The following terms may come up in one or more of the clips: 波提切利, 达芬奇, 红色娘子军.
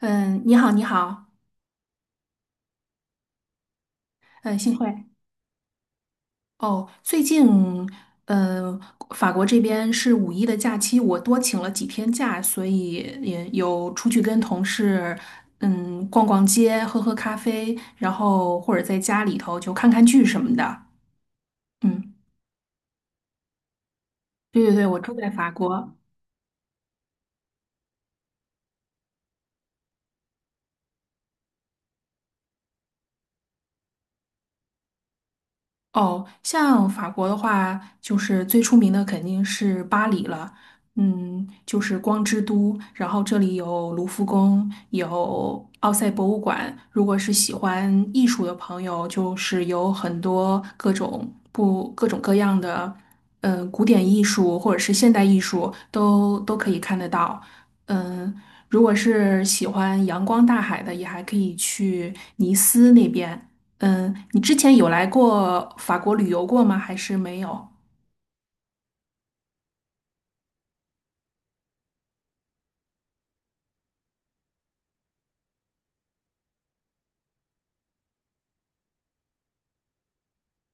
嗯，你好，你好，嗯，幸会。哦，最近，呃，法国这边是五一的假期，我多请了几天假，所以也有出去跟同事，逛逛街，喝喝咖啡，然后或者在家里头就看看剧什么的。嗯，对对对，我住在法国。哦，像法国的话，就是最出名的肯定是巴黎了，就是光之都。然后这里有卢浮宫，有奥赛博物馆。如果是喜欢艺术的朋友，就是有很多各种不各种各样的，古典艺术或者是现代艺术都可以看得到。嗯，如果是喜欢阳光大海的，也还可以去尼斯那边。你之前有来过法国旅游过吗？还是没有？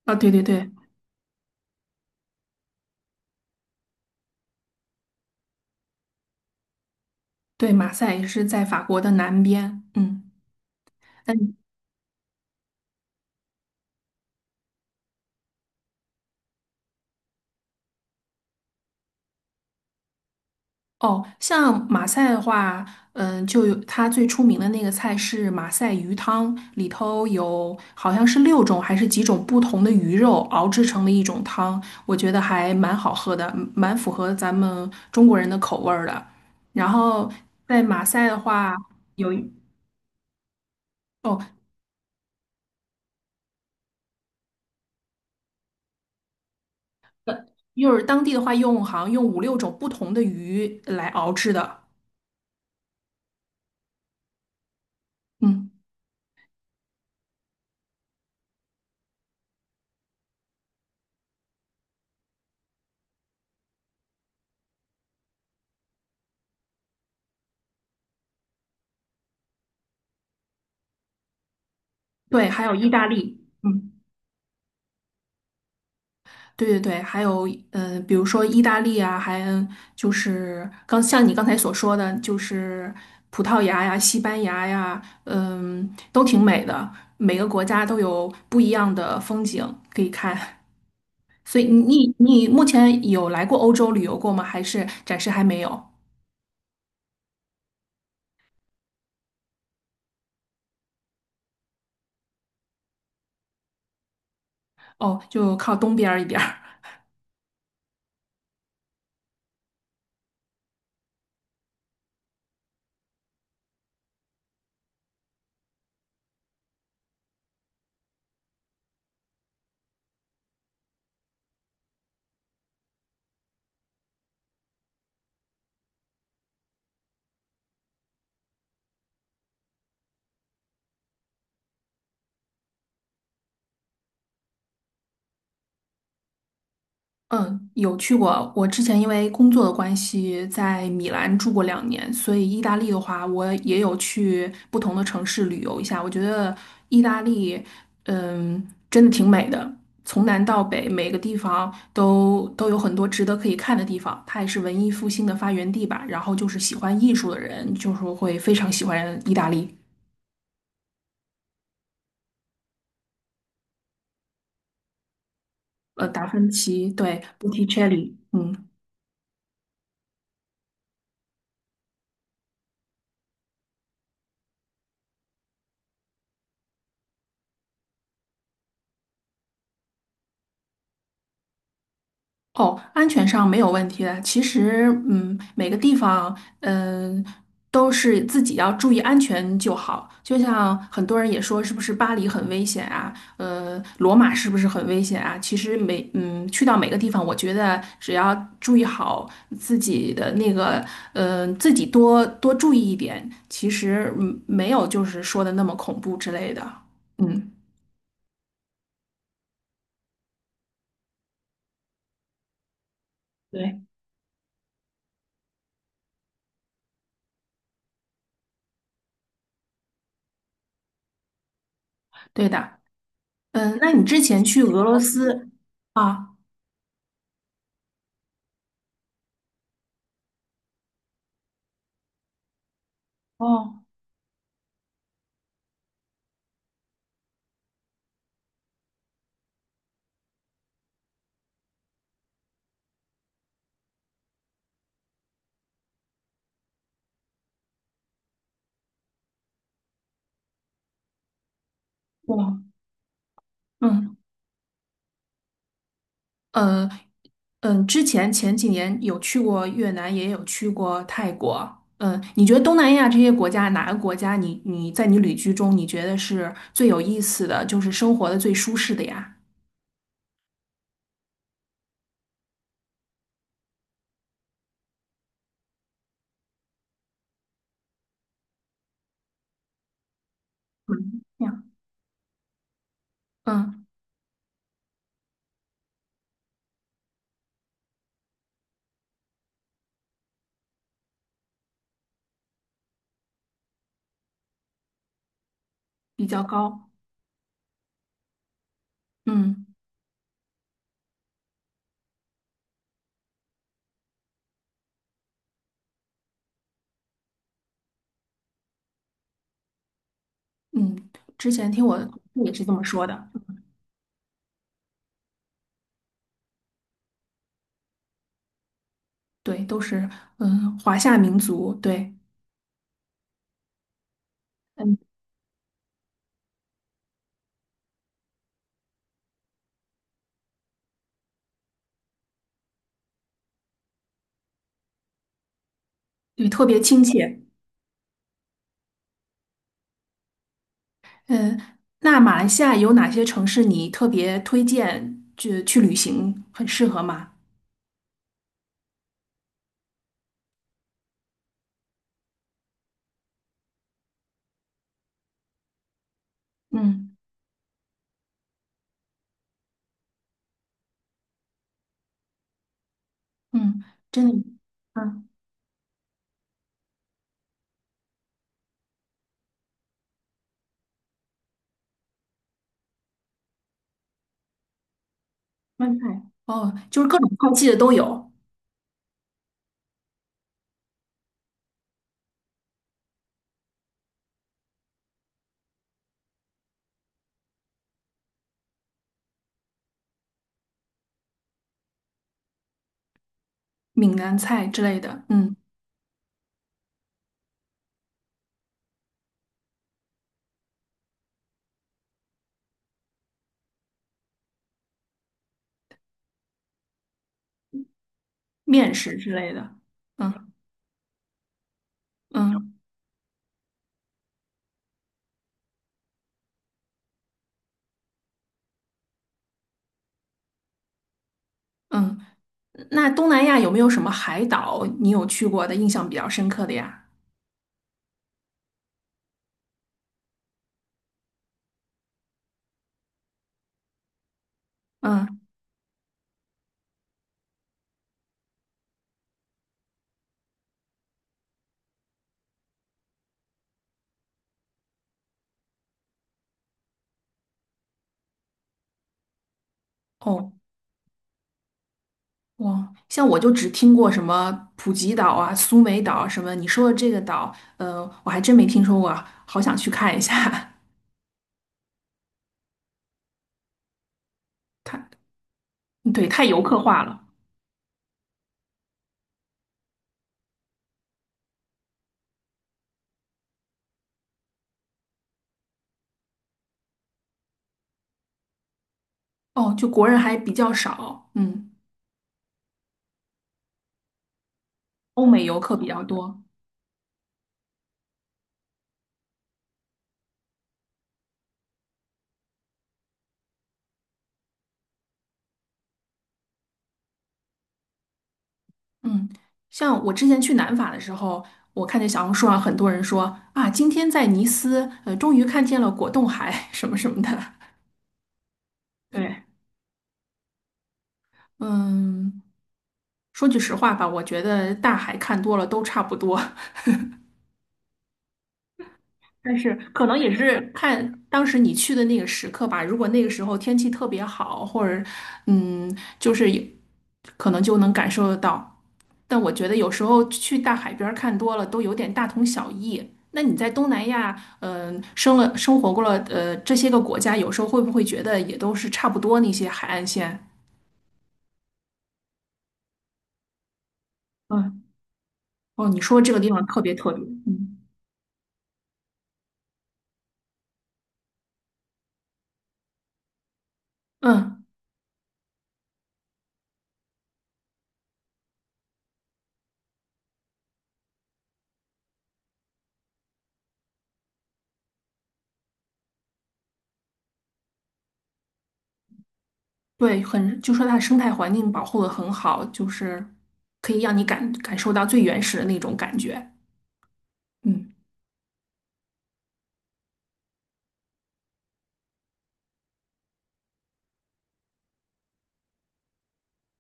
啊，对对对对，马赛也是在法国的南边。嗯，那你哦，像马赛的话，就有它最出名的那个菜是马赛鱼汤，里头有好像是六种还是几种不同的鱼肉熬制成的一种汤，我觉得还蛮好喝的，蛮符合咱们中国人的口味儿的。然后在马赛的话，有一。哦，就是当地的话用好像用五六种不同的鱼来熬制的，嗯，对，还有意大利，嗯，对对对，还有比如说意大利啊，还就是像你刚才所说的，就是葡萄牙呀、西班牙呀，都挺美的，每个国家都有不一样的风景可以看。所以你目前有来过欧洲旅游过吗？还是暂时还没有？哦，就靠东边儿一点儿。嗯，有去过。我之前因为工作的关系，在米兰住过2年，所以意大利的话，我也有去不同的城市旅游一下。我觉得意大利，真的挺美的，从南到北，每个地方都有很多值得可以看的地方。它也是文艺复兴的发源地吧。然后就是喜欢艺术的人，就是会非常喜欢意大利。达芬奇，对 b 提切利。哦，安全上没有问题的。其实，每个地方，都是自己要注意安全就好。就像很多人也说，是不是巴黎很危险啊？罗马是不是很危险啊？其实去到每个地方，我觉得只要注意好自己的那个，自己多多注意一点，其实，没有就是说的那么恐怖之类的。嗯，对，对的。那你之前去俄罗斯啊？哦。哇，嗯呃之前前几年有去过越南，也有去过泰国。嗯，你觉得东南亚这些国家，哪个国家你在你旅居中，你觉得是最有意思的，就是生活的最舒适的呀？嗯，这样嗯，比较高，嗯嗯，之前听我同事也是这么说的，对，都是华夏民族，对，嗯对，特别亲切，嗯，那马来西亚有哪些城市你特别推荐去旅行，很适合吗？嗯嗯，真的，嗯，川菜哦，就是各种菜系的都有，闽南菜之类的，面食之类的，嗯嗯嗯。那东南亚有没有什么海岛你有去过的，印象比较深刻的呀？嗯，哦。哇，像我就只听过什么普吉岛啊、苏梅岛啊什么，你说的这个岛，我还真没听说过啊，好想去看一下。对，太游客化了。哦，就国人还比较少，欧美游客比较多。嗯，像我之前去南法的时候，我看见小红书上很多人说啊，今天在尼斯，终于看见了果冻海 什么什么的。对，嗯，说句实话吧，我觉得大海看多了都差不多。但是可能也是看当时你去的那个时刻吧。如果那个时候天气特别好，或者嗯，就是也可能就能感受得到。但我觉得有时候去大海边儿看多了，都有点大同小异。那你在东南亚，生活过了，这些个国家，有时候会不会觉得也都是差不多那些海岸线？嗯，哦，你说这个地方特别特别，嗯嗯。对，很，就说它的生态环境保护的很好，就是可以让你感受到最原始的那种感觉。嗯，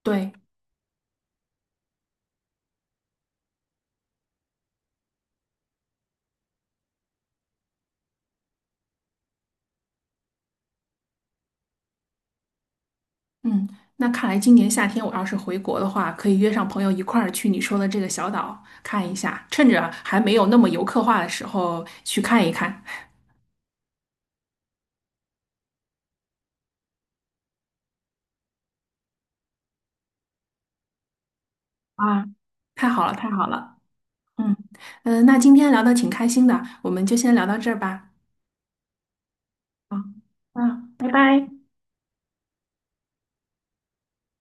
对，嗯，那看来今年夏天我要是回国的话，可以约上朋友一块儿去你说的这个小岛看一下，趁着还没有那么游客化的时候去看一看。啊，太好了，太好了。嗯，那今天聊的挺开心的，我们就先聊到这儿吧。啊，拜拜。